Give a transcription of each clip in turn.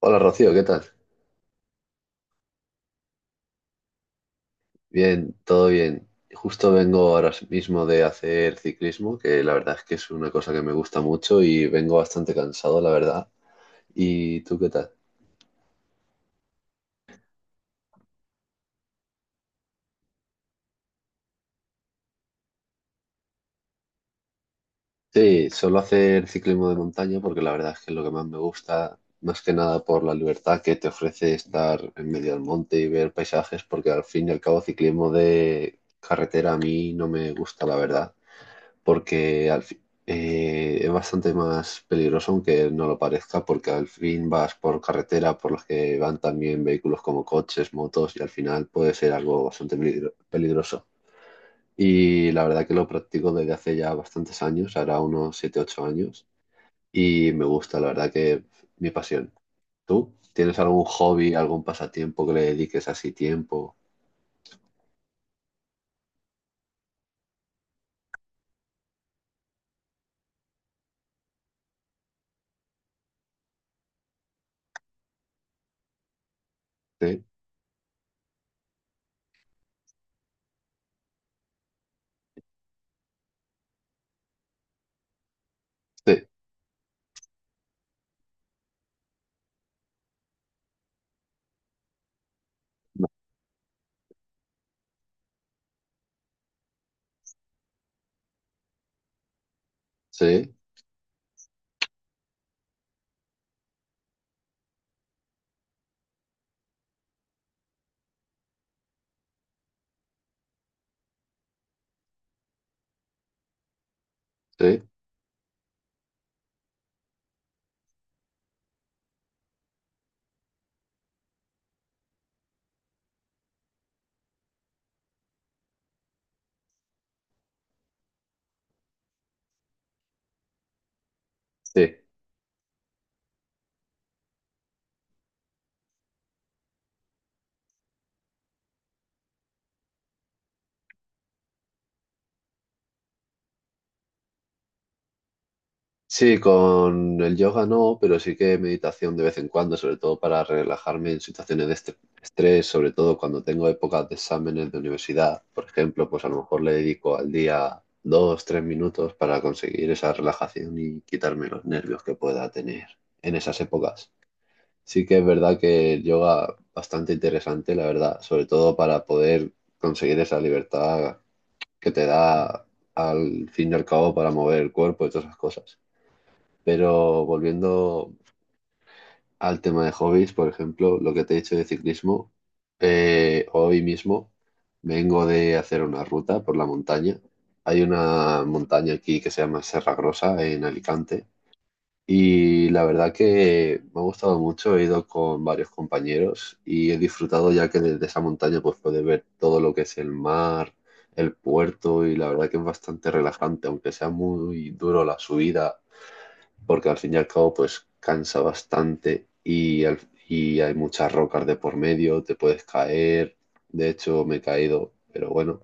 Hola Rocío, ¿qué tal? Bien, todo bien. Justo vengo ahora mismo de hacer ciclismo, que la verdad es que es una cosa que me gusta mucho y vengo bastante cansado, la verdad. ¿Y tú qué tal? Sí, solo hacer ciclismo de montaña porque la verdad es que es lo que más me gusta, más que nada por la libertad que te ofrece estar en medio del monte y ver paisajes, porque al fin y al cabo ciclismo de carretera a mí no me gusta, la verdad. porque al fi- es bastante más peligroso, aunque no lo parezca, porque al fin vas por carretera por las que van también vehículos como coches, motos, y al final puede ser algo bastante peligroso. Y la verdad que lo practico desde hace ya bastantes años, ahora unos 7 u 8 años, y me gusta, la verdad que mi pasión. ¿Tú tienes algún hobby, algún pasatiempo que le dediques así tiempo? Sí, sí, no, sí, sí, sí. Sí, con el yoga no, pero sí que meditación de vez en cuando, sobre todo para relajarme en situaciones de estrés, sobre todo cuando tengo épocas de exámenes de universidad, por ejemplo, pues a lo mejor le dedico al día 2, 3 minutos para conseguir esa relajación y quitarme los nervios que pueda tener en esas épocas. Sí que es verdad que el yoga bastante interesante, la verdad, sobre todo para poder conseguir esa libertad que te da al fin y al cabo para mover el cuerpo y todas esas cosas. Pero volviendo al tema de hobbies, por ejemplo, lo que te he dicho de ciclismo, hoy mismo vengo de hacer una ruta por la montaña. Hay una montaña aquí que se llama Serra Grossa en Alicante y la verdad que me ha gustado mucho. He ido con varios compañeros y he disfrutado ya que desde esa montaña pues puedes ver todo lo que es el mar, el puerto y la verdad que es bastante relajante, aunque sea muy duro la subida porque al fin y al cabo pues cansa bastante y hay muchas rocas de por medio, te puedes caer, de hecho me he caído, pero bueno,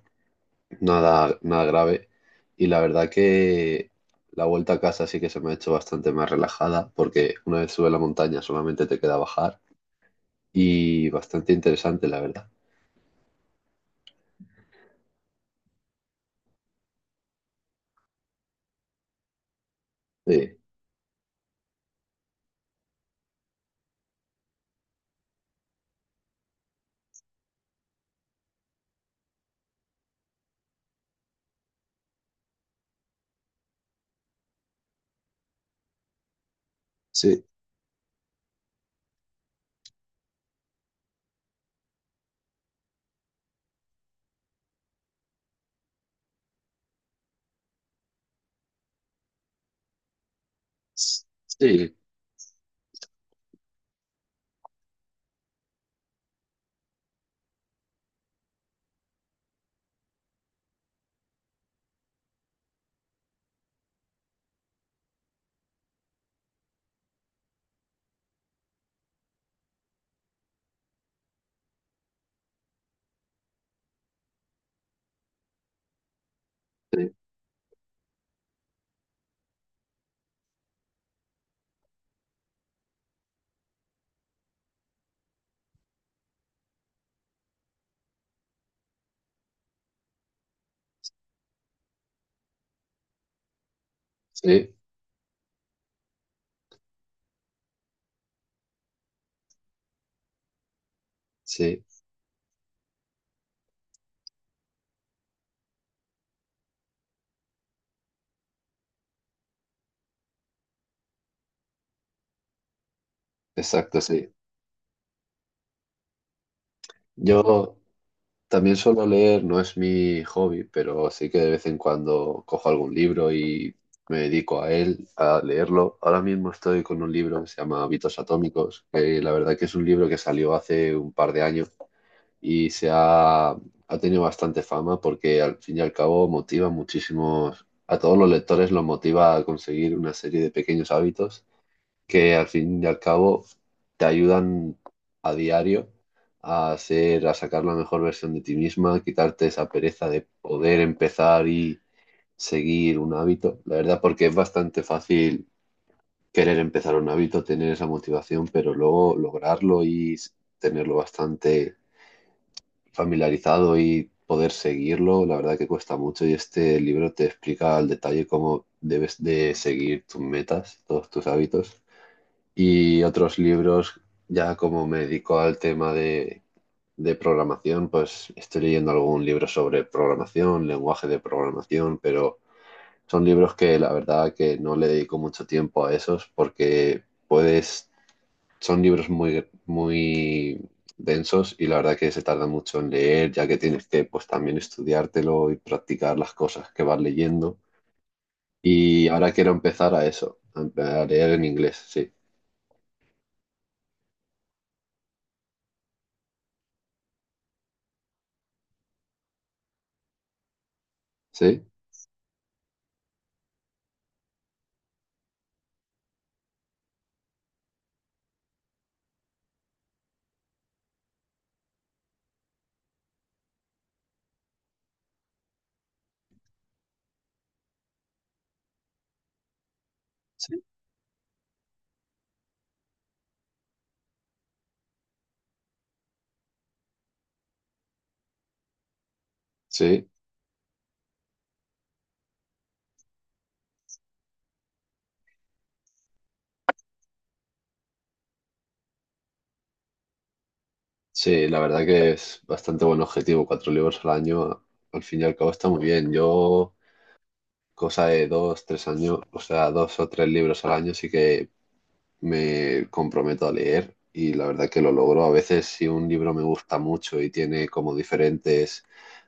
nada, nada grave. Y la verdad que la vuelta a casa sí que se me ha hecho bastante más relajada, porque una vez sube la montaña solamente te queda bajar y bastante interesante, la verdad. Sí, sí, sí, sí, sí, sí, exacto, sí. Yo... también suelo leer, no es mi hobby, pero sí que de vez en cuando cojo algún libro y me dedico a él, a leerlo. Ahora mismo estoy con un libro que se llama Hábitos Atómicos, que la verdad que es un libro que salió hace un par de años y se ha, ha tenido bastante fama porque al fin y al cabo motiva muchísimos, a todos los lectores los motiva a conseguir una serie de pequeños hábitos que al fin y al cabo te ayudan a diario a hacer, a sacar la mejor versión de ti misma, quitarte esa pereza de poder empezar y seguir un hábito. La verdad, porque es bastante fácil querer empezar un hábito, tener esa motivación, pero luego lograrlo y tenerlo bastante familiarizado y poder seguirlo, la verdad que cuesta mucho y este libro te explica al detalle cómo debes de seguir tus metas, todos tus hábitos y otros libros, ya como me dedico al tema de programación, pues estoy leyendo algún libro sobre programación, lenguaje de programación, pero son libros que la verdad que no le dedico mucho tiempo a esos porque puedes, son libros muy, muy densos y la verdad que se tarda mucho en leer, ya que tienes que pues también estudiártelo y practicar las cosas que vas leyendo. Y ahora quiero empezar a eso, a leer en inglés, sí. ¿Sí? Sí. Sí. Sí, la verdad que es bastante buen objetivo. Cuatro libros al año, al fin y al cabo, está muy bien. Yo, cosa de 2, 3 años, o sea, dos o tres libros al año, sí que me comprometo a leer y la verdad que lo logro. A veces, si un libro me gusta mucho y tiene como diferentes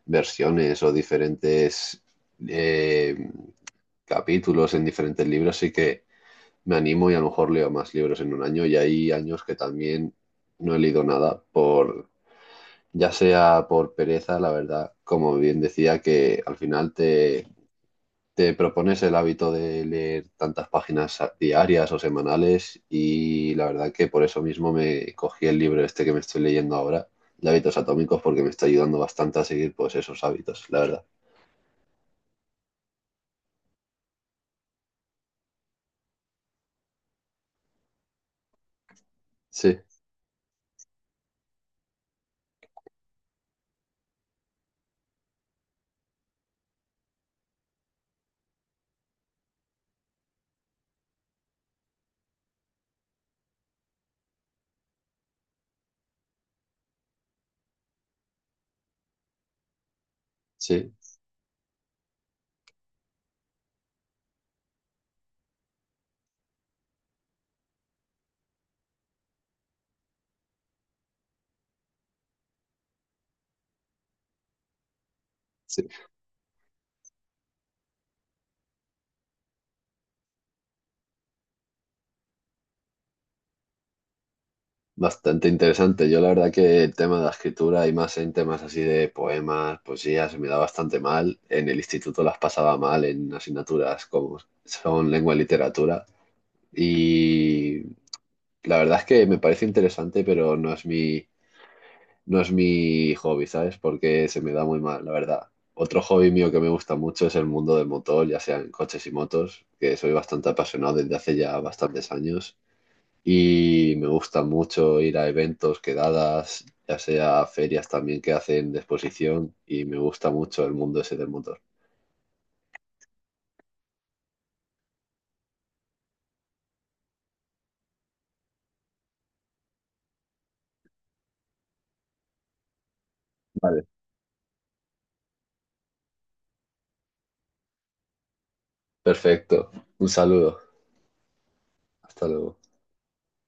versiones o diferentes eh, capítulos en diferentes libros, sí que me animo y a lo mejor leo más libros en un año. Y hay años que también no he leído nada por ya sea por pereza, la verdad, como bien decía, que al final te, te propones el hábito de leer tantas páginas diarias o semanales y la verdad que por eso mismo me cogí el libro este que me estoy leyendo ahora, de hábitos atómicos, porque me está ayudando bastante a seguir pues esos hábitos, la verdad. Sí, sí. Sí. Bastante interesante. Yo la verdad que el tema de la escritura y más en temas así de poemas, poesía, se me da bastante mal. En el instituto las pasaba mal en asignaturas como son lengua y literatura. Y la verdad es que me parece interesante, pero no es mi, no es mi hobby, ¿sabes? Porque se me da muy mal, la verdad. Otro hobby mío que me gusta mucho es el mundo del motor, ya sean coches y motos, que soy bastante apasionado desde hace ya bastantes años. Y me gusta mucho ir a eventos, quedadas, ya sea ferias también que hacen de exposición. Y me gusta mucho el mundo ese del motor. Vale. Perfecto. Un saludo. Hasta luego.